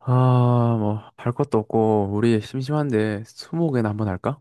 아, 뭐, 할 것도 없고, 우리 심심한데, 스무고개나 한번 할까?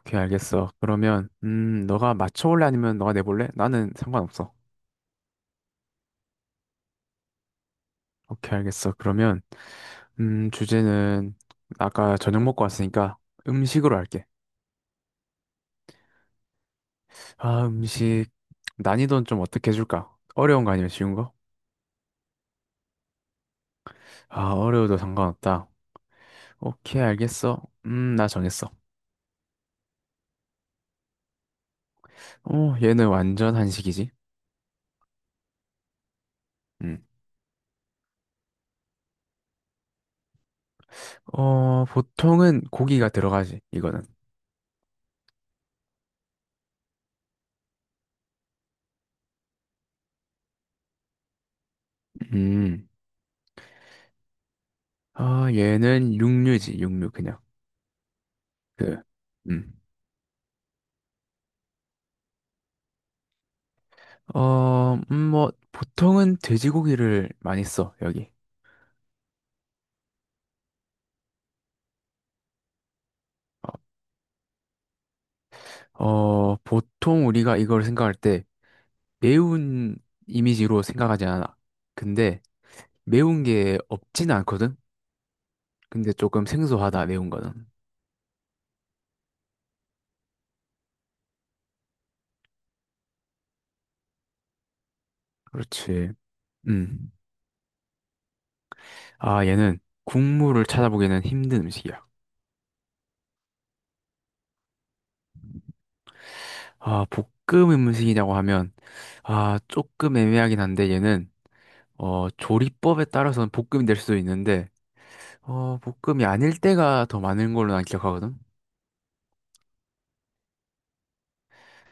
오케이, 알겠어. 그러면, 너가 맞춰볼래? 아니면 너가 내볼래? 나는 상관없어. 오케이, 알겠어. 그러면, 주제는, 아까 저녁 먹고 왔으니까, 음식으로 할게. 아, 음식, 난이도는 좀 어떻게 해줄까? 어려운 거 아니면 쉬운 거? 아, 어려워도 상관없다. 오케이, 알겠어. 나 정했어. 어, 얘는 완전 한식이지? 음. 어, 보통은 고기가 들어가지, 이거는. 음. 아, 얘는 육류지, 육류, 그냥. 그, 음. 뭐, 보통은 돼지고기를 많이 써, 여기. 어, 보통 우리가 이걸 생각할 때 매운 이미지로 생각하지 않아. 근데 매운 게 없지는 않거든? 근데 조금 생소하다, 매운 거는. 그렇지. 음. 아, 얘는 국물을 찾아보기는 힘든 음식이야. 아, 볶음 음식이라고 하면, 아, 조금 애매하긴 한데 얘는 조리법에 따라서는 볶음이 될 수도 있는데, 볶음이 아닐 때가 더 많은 걸로 난 기억하거든?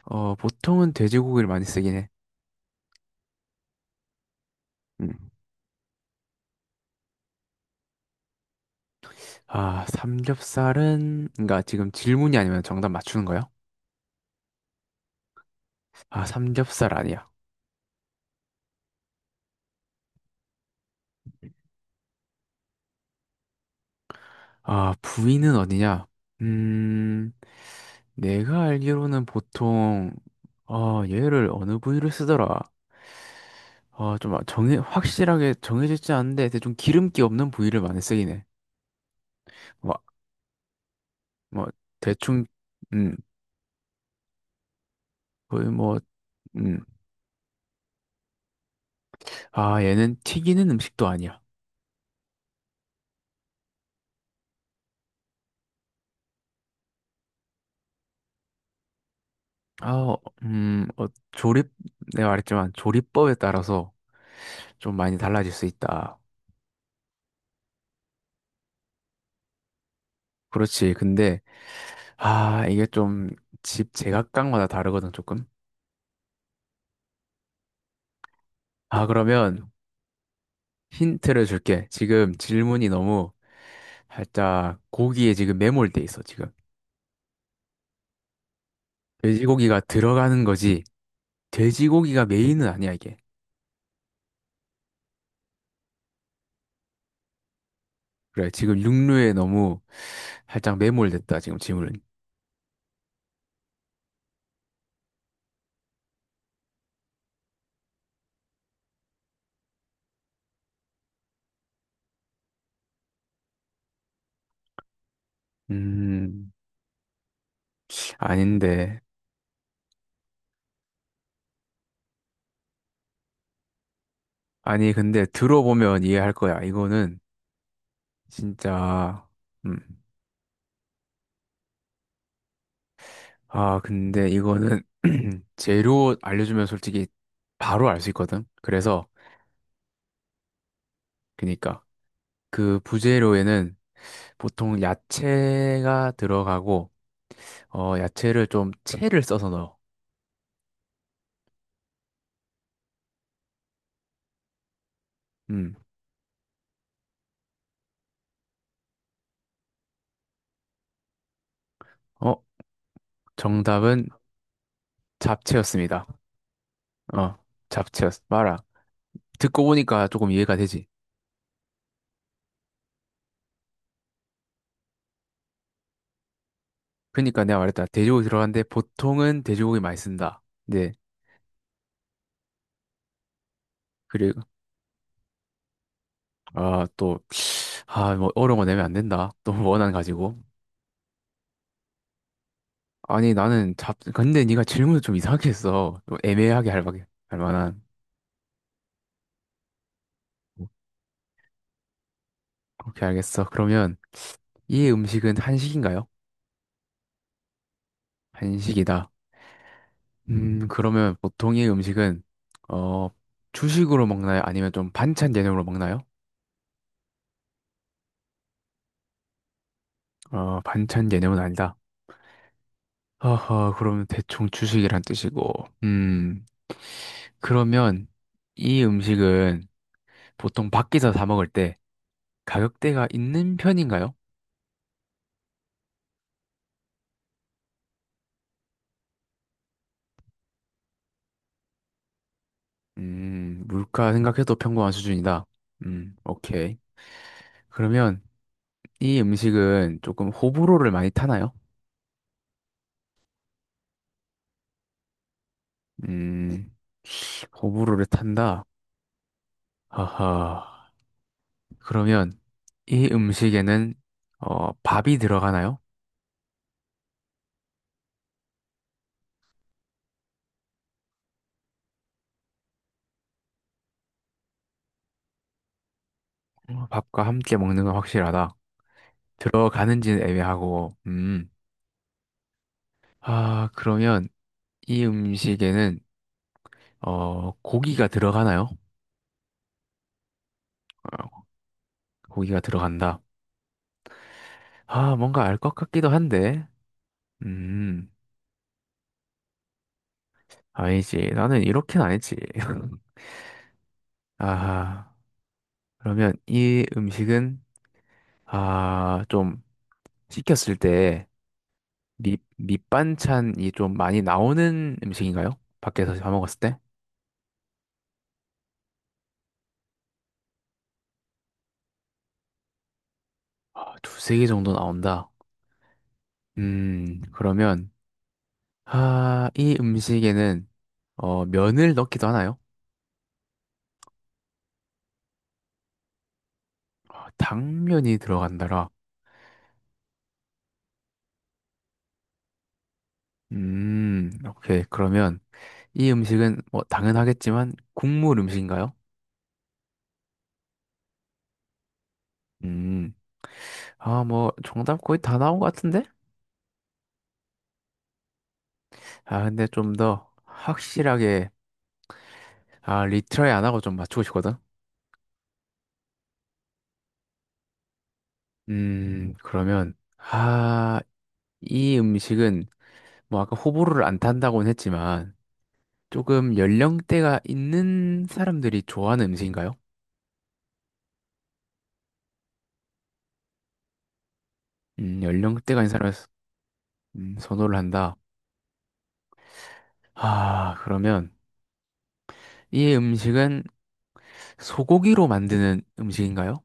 어, 보통은 돼지고기를 많이 쓰긴 해. 음. 아, 삼겹살은, 그러니까 지금 질문이 아니면 정답 맞추는 거야? 아, 삼겹살 아니야. 아, 부위는 어디냐? 음, 내가 알기로는 보통, 얘를 어느 부위를 쓰더라? 확실하게 정해져 있지 않은데, 대충 기름기 없는 부위를 많이 쓰긴 해. 뭐, 뭐, 대충, 음, 거의 뭐, 음, 아, 얘는 튀기는 음식도 아니야. 아, 조립, 내가 말했지만 조리법에 따라서 좀 많이 달라질 수 있다. 그렇지. 근데, 아, 이게 좀 집 제각각마다 다르거든, 조금. 아, 그러면 힌트를 줄게. 지금 질문이 너무 살짝 고기에 지금 매몰돼 있어, 지금. 돼지고기가 들어가는 거지. 돼지고기가 메인은 아니야, 이게. 그래, 지금 육류에 너무 살짝 매몰됐다, 지금 질문은. 음. 아닌데. 아니, 근데 들어보면 이해할 거야. 이거는 진짜, 음. 아, 근데 이거는 재료 알려주면 솔직히 바로 알 수 있거든. 그래서, 그니까, 그 부재료에는 보통 야채가 들어가고, 야채를 좀 채를 써서 넣어. 음. 어, 정답은 잡채였습니다. 어, 잡채였어. 봐라. 듣고 보니까 조금 이해가 되지. 그니까 내가 말했다. 돼지고기 들어갔는데 보통은 돼지고기 많이 쓴다. 네. 그리고 또 뭐 어려운 거 내면 안 된다. 또 원한 가지고. 아니 나는 잡 근데 네가 질문을 좀 이상하게 했어. 좀 애매하게 할 만한. 오케이 알겠어. 그러면 이 음식은 한식인가요? 한식이다. 그러면 보통 이 음식은 어 주식으로 먹나요? 아니면 좀 반찬 개념으로 먹나요? 어 반찬 개념은 아니다. 허허 그러면 대충 주식이란 뜻이고. 음 그러면 이 음식은 보통 밖에서 사 먹을 때 가격대가 있는 편인가요? 물가 생각해도 평범한 수준이다. 오케이. 그러면 이 음식은 조금 호불호를 많이 타나요? 음, 호불호를 탄다. 하하. 그러면 이 음식에는 밥이 들어가나요? 어, 밥과 함께 먹는 건 확실하다. 들어가는지는 애매하고. 아, 그러면 이 음식에는 고기가 들어가나요? 어, 고기가 들어간다. 아, 뭔가 알 것 같기도 한데. 음, 아니지. 나는 이렇게는 아니지. 아, 그러면 이 음식은, 아, 좀 시켰을 때 밑, 밑반찬이 좀 많이 나오는 음식인가요? 밖에서 사 먹었을 때? 아, 두세 개 정도 나온다. 그러면, 아, 이 음식에는, 면을 넣기도 하나요? 아, 당면이 들어간다라. 오케이. 그러면, 이 음식은 뭐 당연하겠지만 국물 음식인가요? 음, 아, 뭐 정답 거의 다 나온 것 같은데? 아, 근데 좀 더 확실하게 아, 리트라이 안 하고 좀 맞추고 싶거든. 그러면 아, 이 음식은 뭐 아까 호불호를 안 탄다고는 했지만 조금 연령대가 있는 사람들이 좋아하는 음식인가요? 연령대가 있는 사람이 선호를 한다. 아, 그러면 이 음식은 소고기로 만드는 음식인가요?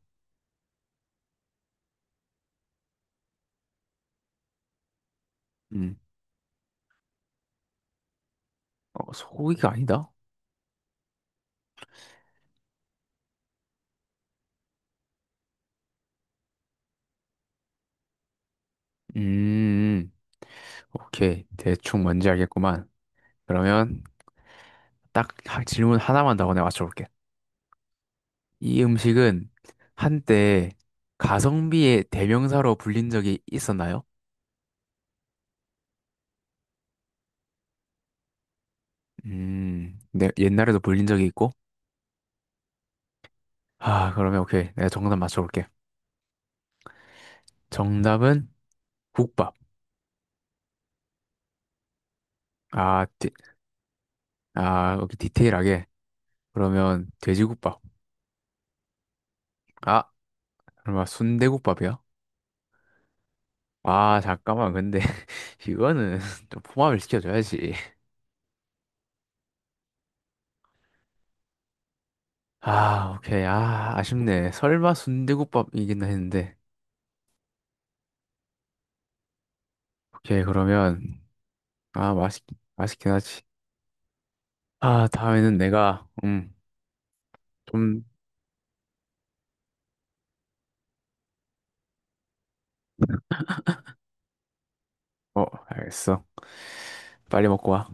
어, 소고기가 아니다? 음, 오케이. 대충 뭔지 알겠구만. 그러면 딱 질문 하나만 더 내가 맞춰볼게. 이 음식은 한때 가성비의 대명사로 불린 적이 있었나요? 네, 옛날에도 불린 적이 있고. 아, 그러면 오케이. 내가 정답 맞춰볼게. 정답은 국밥. 아, 아, 여기 디테일하게. 그러면 돼지국밥. 아, 그러면 순대국밥이야. 아, 잠깐만. 근데 이거는 좀 포함을 시켜줘야지. 아, 오케이. 아, 아쉽네. 설마 순대국밥이긴 했는데. 오케이, 그러면 아, 맛있긴 하지. 아, 다음에는 내가 좀 어, 알겠어. 빨리 먹고 와.